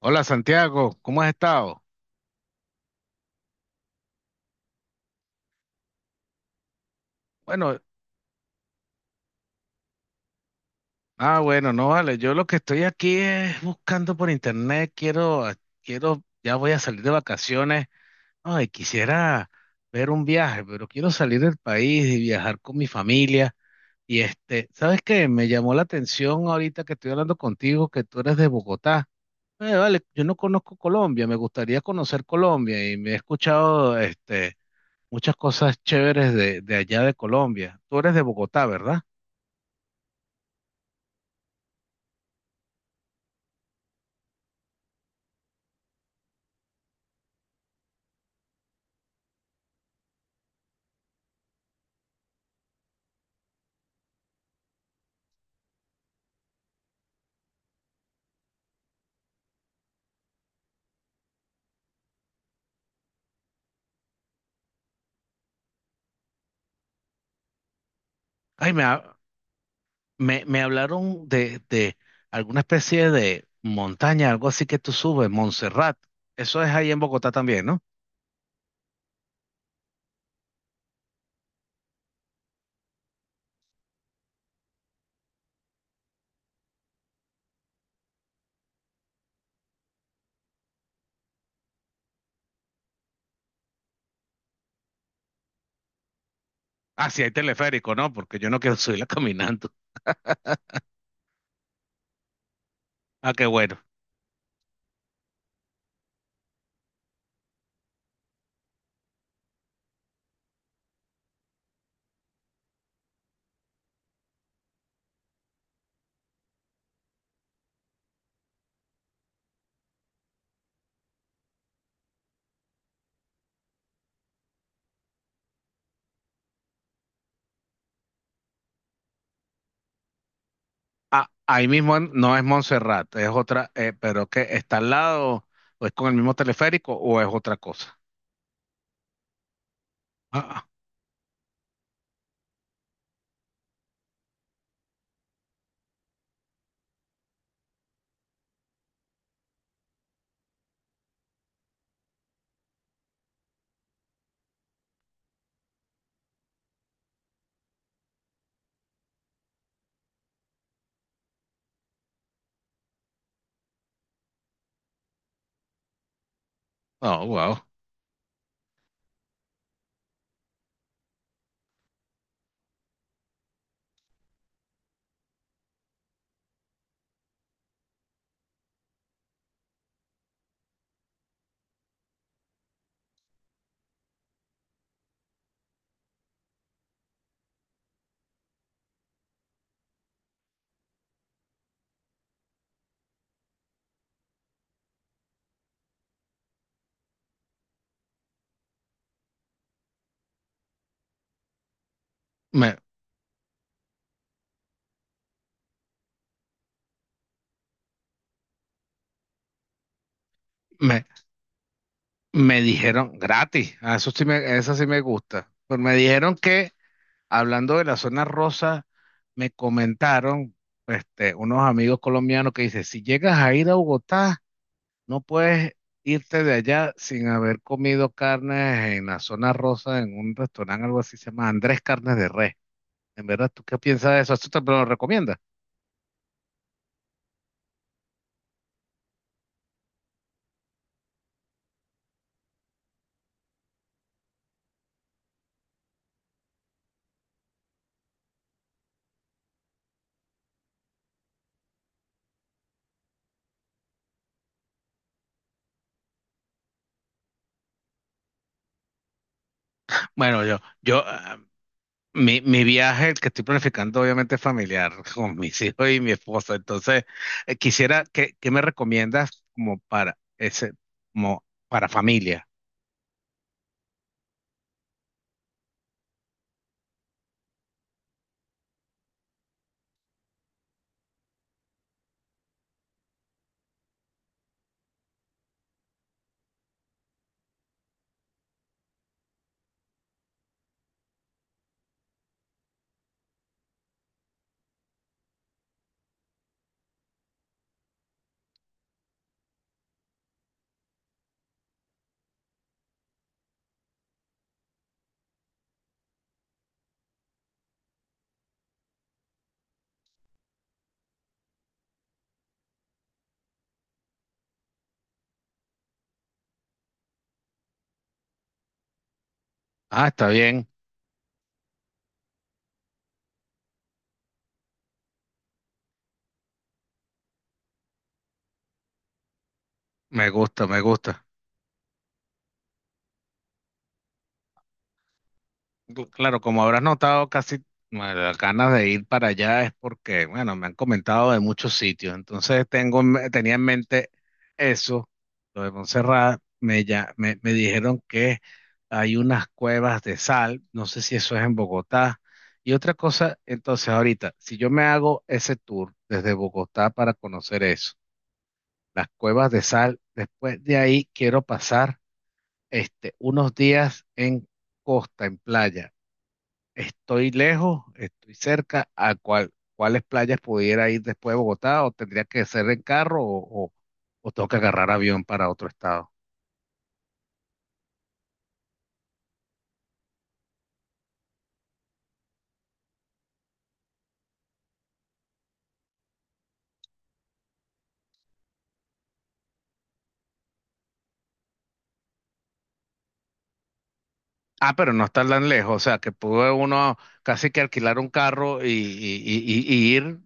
Hola Santiago, ¿cómo has estado? Bueno, bueno, no, vale, yo lo que estoy aquí es buscando por internet, quiero, ya voy a salir de vacaciones, ay, quisiera ver un viaje, pero quiero salir del país y viajar con mi familia. Y este, ¿sabes qué? Me llamó la atención ahorita que estoy hablando contigo, que tú eres de Bogotá. Vale, yo no conozco Colombia, me gustaría conocer Colombia y me he escuchado, este, muchas cosas chéveres de allá de Colombia. Tú eres de Bogotá, ¿verdad? Ay, me hablaron de alguna especie de montaña, algo así que tú subes, Montserrat. Eso es ahí en Bogotá también, ¿no? Ah, sí, hay teleférico, ¿no? Porque yo no quiero subirla caminando. Ah, qué bueno. Ah, ahí mismo en- no es Montserrat, es otra, pero que está al lado, o es con el mismo teleférico, o es otra cosa. Ah, oh, wow. Me, me, me dijeron gratis. Ah, eso sí me gusta. Pero me dijeron que, hablando de la zona rosa, me comentaron, este, unos amigos colombianos que dicen, si llegas a ir a Bogotá, no puedes irte de allá sin haber comido carnes en la zona rosa, en un restaurante, algo así, se llama Andrés Carnes de Res. En verdad, ¿tú qué piensas de eso? ¿Tú te lo recomiendas? Bueno, mi viaje, el que estoy planificando, obviamente es familiar, con mis hijos y mi esposa. Entonces, quisiera, qué me recomiendas como para ese, como para familia? Ah, está bien, me gusta, me gusta. Tú- Claro, como habrás notado, casi, bueno, las ganas de ir para allá es porque, bueno, me han comentado de muchos sitios, entonces tengo, en me- tenía en mente eso, lo de Montserrat, me dijeron que hay unas cuevas de sal, no sé si eso es en Bogotá, y otra cosa, entonces ahorita, si yo me hago ese tour desde Bogotá para conocer eso, las cuevas de sal, después de ahí quiero pasar, este, unos días en costa, en playa. ¿Estoy lejos? ¿Estoy cerca? ¿A cuáles playas pudiera ir después de Bogotá? ¿O tendría que ser en carro o tengo que agarrar avión para otro estado? Ah, pero no está tan lejos, o sea, que pudo uno casi que alquilar un carro y ir.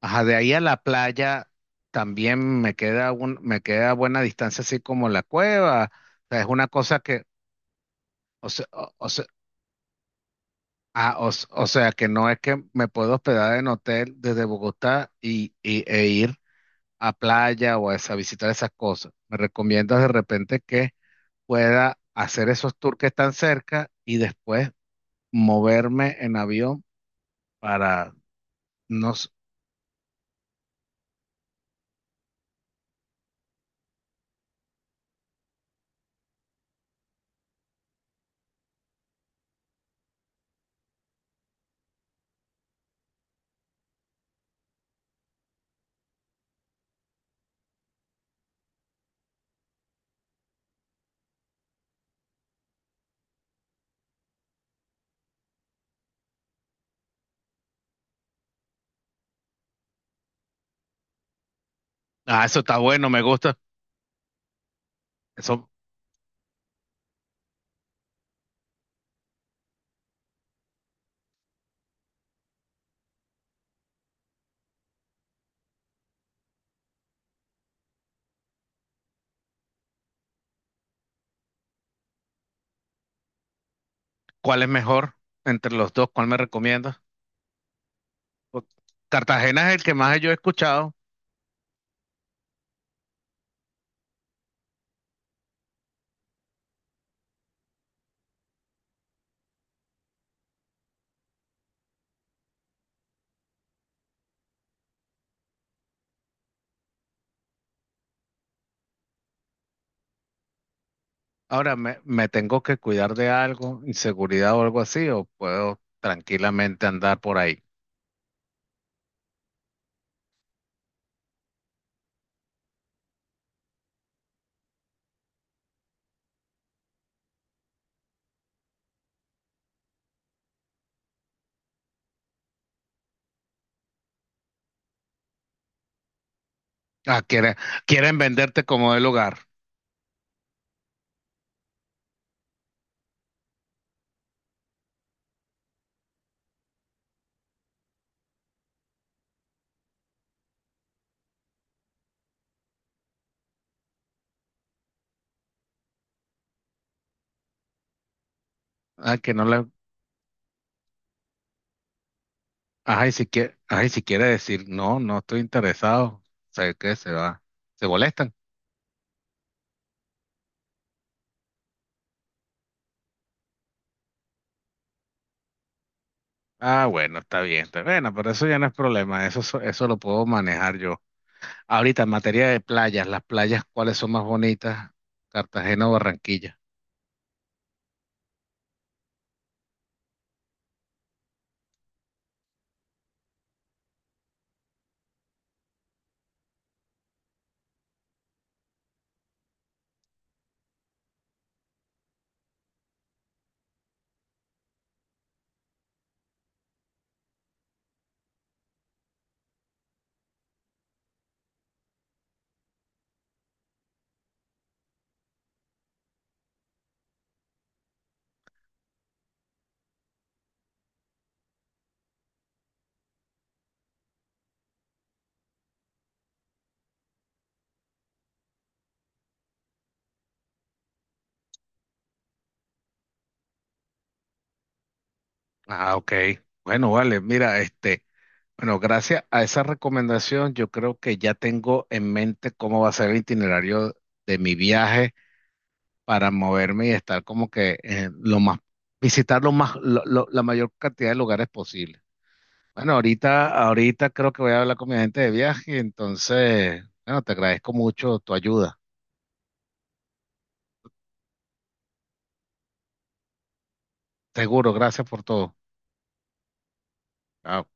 Ajá, de ahí a la playa también me queda un, me queda buena distancia, así como la cueva. O sea, es una cosa que, o sea, ah, o sea que no es que me puedo hospedar en hotel desde Bogotá e ir a playa o a, esa- visitar esas cosas. Me recomiendas de repente que pueda hacer esos tours que están cerca y después moverme en avión para, no. Ah, eso está bueno, me gusta. Eso, ¿cuál es mejor entre los dos? ¿Cuál me recomiendas? Pues, Cartagena es el que más yo he escuchado. Ahora, me tengo que cuidar de algo, inseguridad o algo así, o puedo tranquilamente andar por ahí? Ah, quieren, quieren venderte como del hogar. Ah, que no le... ay, si quiere decir, no, no estoy interesado. Sé que se va. ¿Se molestan? Ah, bueno, está bien, está bueno, pero eso ya no es problema, eso, so- eso lo puedo manejar yo. Ahorita, en materia de playas, las playas, ¿cuáles son más bonitas? ¿Cartagena o Barranquilla? Ah, ok. Bueno, vale, mira, este... Bueno, gracias a esa recomendación, yo creo que ya tengo en mente cómo va a ser el itinerario de mi viaje para moverme y estar como que, lo más, visitar lo más, la mayor cantidad de lugares posible. Bueno, ahorita creo que voy a hablar con mi agente de viaje, entonces, bueno, te agradezco mucho tu ayuda. Seguro, gracias por todo. Chao.